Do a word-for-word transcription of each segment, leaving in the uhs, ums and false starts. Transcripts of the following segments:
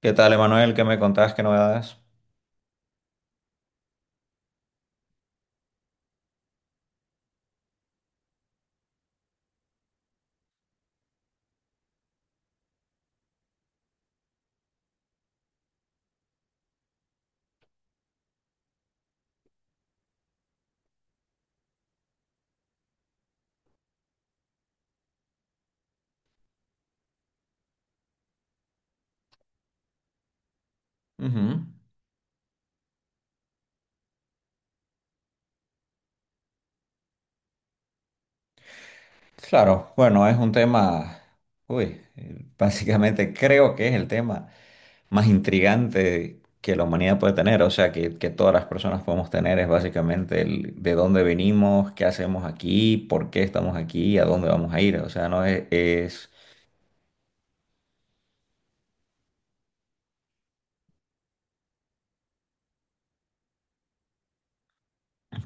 ¿Qué tal, Emanuel? ¿Qué me contabas? ¿Qué novedades? Ujú. Claro, bueno, es un tema, uy, eh, básicamente creo que es el tema más intrigante que la humanidad puede tener, o sea, que, que todas las personas podemos tener es básicamente el de dónde venimos, qué hacemos aquí, por qué estamos aquí, a dónde vamos a ir, o sea, no es, es-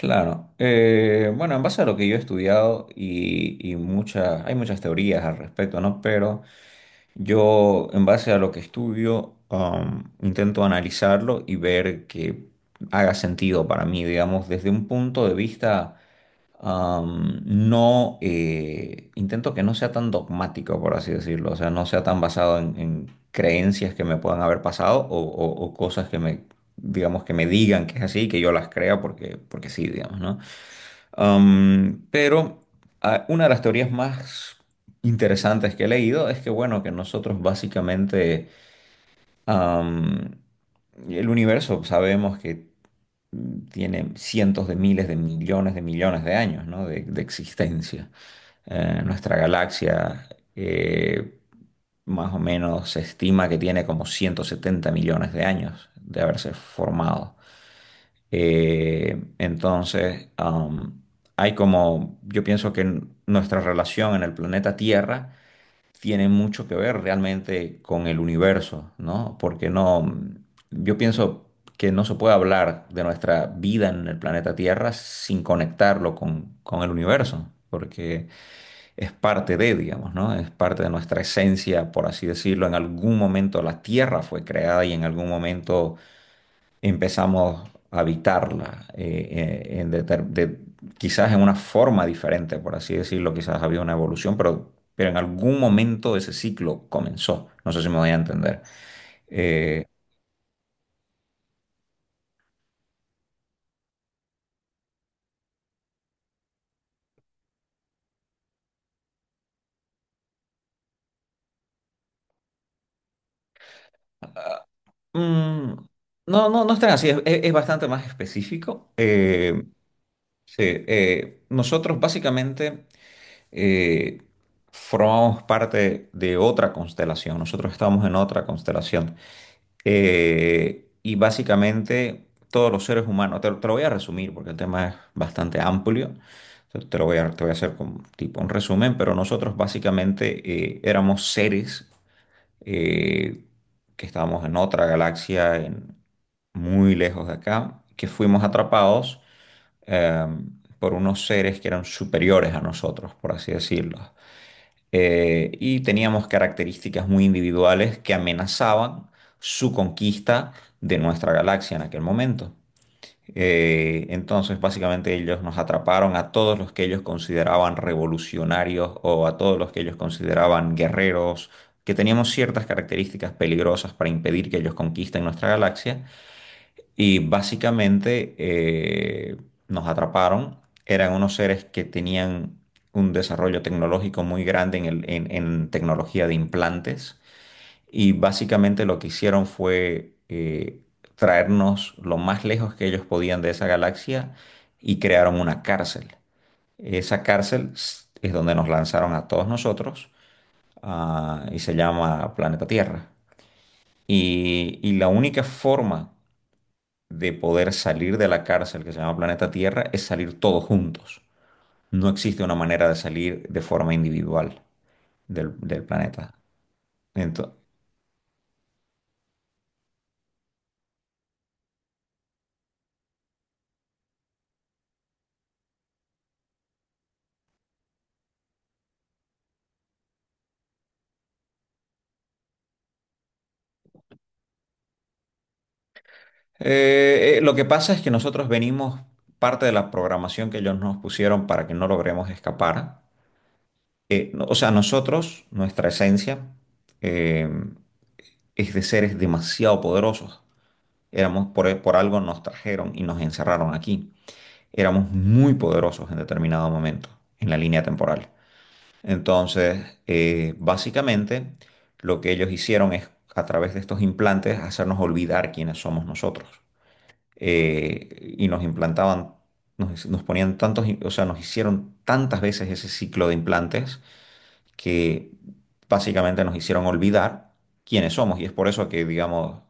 claro. Eh, bueno, en base a lo que yo he estudiado y, y muchas, hay muchas teorías al respecto, ¿no? Pero... Yo, en base a lo que estudio, am, intento analizarlo y ver que haga sentido para mí, digamos, desde un punto de vista am, no, eh, intento que no sea tan dogmático, por así decirlo, o sea, no sea tan basado en, en creencias que me puedan haber pasado o, o- o cosas que me, digamos, que me digan que es así, que yo las crea porque, porque sí, digamos, ¿no? Am, pero ah, una de las teorías más interesantes que he leído es que, bueno, que nosotros básicamente, am, el universo sabemos que tiene cientos de miles de millones de millones de años, ¿no? de, de existencia. Eh, nuestra galaxia eh, más o menos se estima que tiene como ciento setenta millones de años de haberse formado. Eh, entonces, am, hay como, yo pienso que n- nuestra relación en el planeta Tierra tiene mucho que ver realmente con el universo, ¿no? Porque no, mm, yo pienso que no se puede hablar de nuestra vida en el planeta Tierra sin conectarlo con, con el universo, porque es parte de, digamos, ¿no? Es parte de nuestra esencia, por así decirlo. En algún momento la Tierra fue creada y en algún momento empezamos a habitarla, eh, eh, en deter- de- quizás en una forma diferente, por así decirlo, quizás había una evolución, pero, pero en algún momento ese ciclo comenzó. No sé si me voy a entender. Eh, Mm, no, no, no es tan así, es, es- es bastante más específico. Eh, sí, eh, nosotros básicamente eh, formamos parte de otra constelación, nosotros estamos en otra constelación. Eh, y básicamente todos los seres humanos, te, te lo voy a resumir porque el tema es bastante amplio, entonces te lo voy a, te voy a hacer como tipo un resumen, pero nosotros básicamente eh, éramos seres eh, que estábamos en otra galaxia, en- muy lejos de acá, que fuimos atrapados eh, por unos seres que eran superiores a nosotros, por así decirlo, eh, y teníamos características muy individuales que amenazaban su conquista de nuestra galaxia en aquel momento. Eh, entonces, básicamente ellos nos atraparon a todos los que ellos consideraban revolucionarios o a todos los que ellos consideraban guerreros, que teníamos ciertas características peligrosas para impedir que ellos conquisten nuestra galaxia. Y básicamente eh, nos atraparon. Eran unos seres que tenían un desarrollo tecnológico muy grande en, el- en- en tecnología de implantes. Y básicamente lo que hicieron fue eh, traernos lo más lejos que ellos podían de esa galaxia y crearon una cárcel. Esa cárcel s- es donde nos lanzaron a todos nosotros, ah, y se llama Planeta Tierra. Y, y la única forma de poder salir de la cárcel que se llama Planeta Tierra es salir todos juntos. No existe una manera de salir de forma individual del, del planeta. Entonces, Eh, eh, lo que pasa es que nosotros venimos, parte de la programación que ellos nos pusieron para que no logremos escapar, eh, no- o sea, nosotros, nuestra esencia, eh, es de seres demasiado poderosos. Éramos por, por algo nos trajeron y nos encerraron aquí. Éramos muy poderosos en determinado momento en la línea temporal. Entonces, eh, básicamente, lo que ellos hicieron es, a través de estos implantes, hacernos olvidar quiénes somos nosotros. Eh, y nos implantaban, nos, nos ponían tantos, o sea, nos hicieron tantas veces ese ciclo de implantes que básicamente nos hicieron olvidar quiénes somos. Y es por eso que, digamos,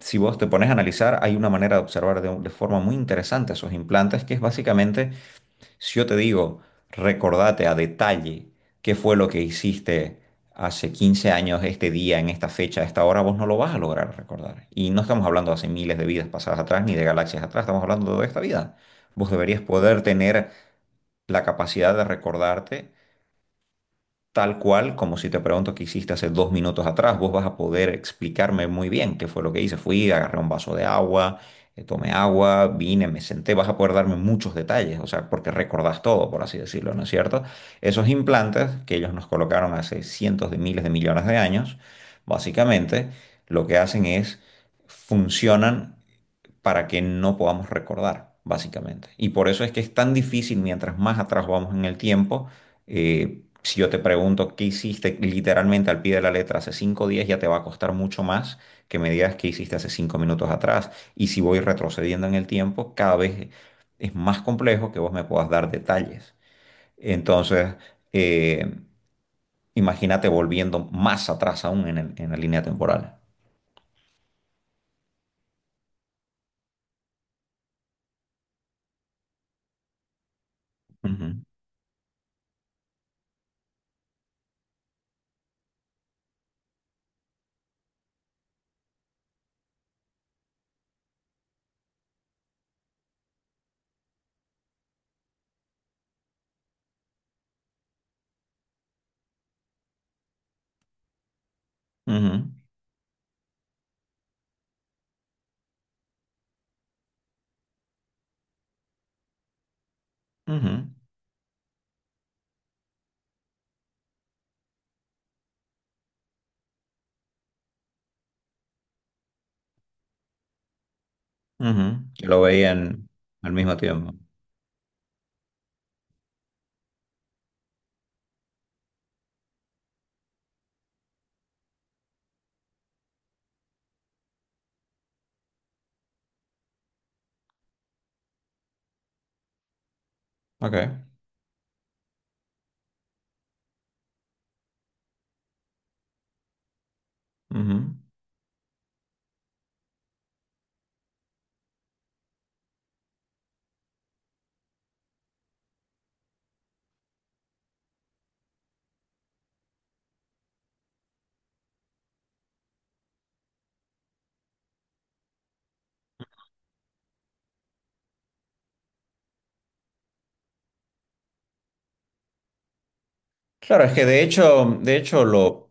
si vos te pones a analizar, hay una manera de observar de, de forma muy interesante esos implantes, que es básicamente, si yo te digo, recordate a detalle qué fue lo que hiciste hace quince años, este día, en esta fecha, a esta hora, vos no lo vas a lograr recordar. Y no estamos hablando de hace miles de vidas pasadas atrás, ni de galaxias atrás, estamos hablando de esta vida. Vos deberías poder tener la capacidad de recordarte tal cual, como si te pregunto qué hiciste hace dos minutos atrás, vos vas a poder explicarme muy bien qué fue lo que hice. Fui, agarré un vaso de agua, eh, tomé agua, vine, me senté, vas a poder darme muchos detalles, o sea, porque recordás todo, por así decirlo, ¿no es cierto? Esos implantes que ellos nos colocaron hace cientos de miles de millones de años, básicamente, lo que hacen es funcionan para que no podamos recordar, básicamente. Y por eso es que es tan difícil, mientras más atrás vamos en el tiempo, eh, si yo te pregunto qué hiciste literalmente al pie de la letra hace cinco días, ya te va a costar mucho más que me digas qué hiciste hace cinco minutos atrás. Y si voy retrocediendo en el tiempo, cada vez es más complejo que vos me puedas dar detalles. Entonces, eh, imagínate volviendo más atrás aún en, el- en la línea temporal. Ujú, ujú, ujú. Ujú, que Lo veían al mismo tiempo. Ok. Ujú. Claro, es que de hecho, de hecho lo,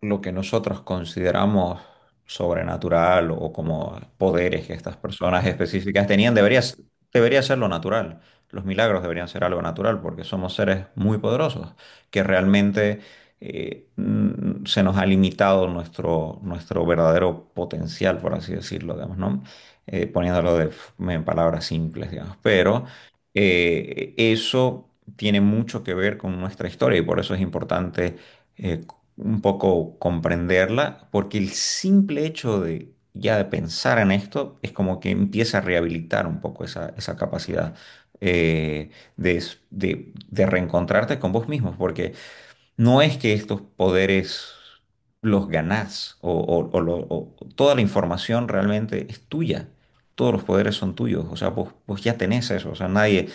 lo que nosotros consideramos sobrenatural o como poderes que estas personas específicas tenían, debería, s- debería ser lo natural. Los milagros deberían ser algo natural porque somos seres muy poderosos que realmente eh, mm, se nos ha limitado nuestro, nuestro verdadero potencial, por así decirlo, digamos, ¿no? Eh, poniéndolo de, f- en palabras simples, digamos. Pero eh, eso tiene mucho que ver con nuestra historia y por eso es importante eh, un poco comprenderla, porque el simple hecho de ya de pensar en esto es como que empieza a rehabilitar un poco esa, esa capacidad eh, de, s- de- de reencontrarte con vos mismos, porque no es que estos poderes los ganás o, o- o lo- o- toda la información realmente es tuya. Todos los poderes son tuyos, o sea, vos, vos ya tenés eso, o sea, nadie,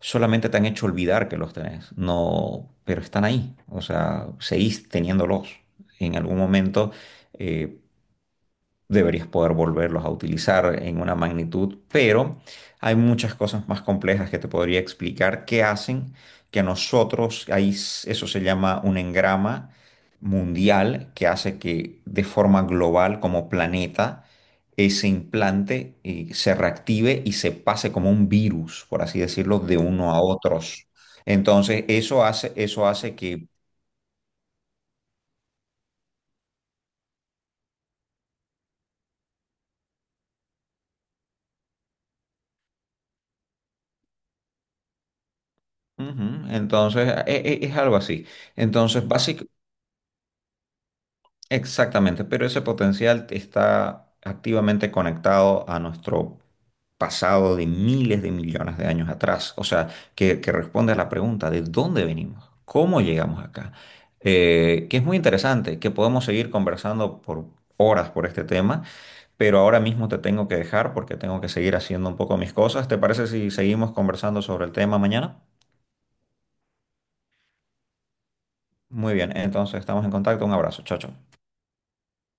solamente te han hecho olvidar que los tenés, no, pero están ahí, o sea, seguís teniéndolos. En algún momento, eh, deberías poder volverlos a utilizar en una magnitud, pero hay muchas cosas más complejas que te podría explicar que hacen que nosotros, ahí s- eso se llama un engrama mundial, que hace que de forma global como planeta ese implante eh, se reactive y se pase como un virus, por así decirlo, de uno a otros. Entonces, eso hace, eso hace que... Ujú. Entonces, e- e- es algo así. Entonces, básicamente... Exactamente, pero ese potencial está activamente conectado a nuestro pasado de miles de millones de años atrás. O sea, que, que responde a la pregunta de dónde venimos, cómo llegamos acá. Eh, que es muy interesante, que podemos seguir conversando por horas por este tema, pero ahora mismo te tengo que dejar porque tengo que seguir haciendo un poco mis cosas. ¿Te parece si seguimos conversando sobre el tema mañana? Muy bien, entonces estamos en contacto. Un abrazo, chao, chao.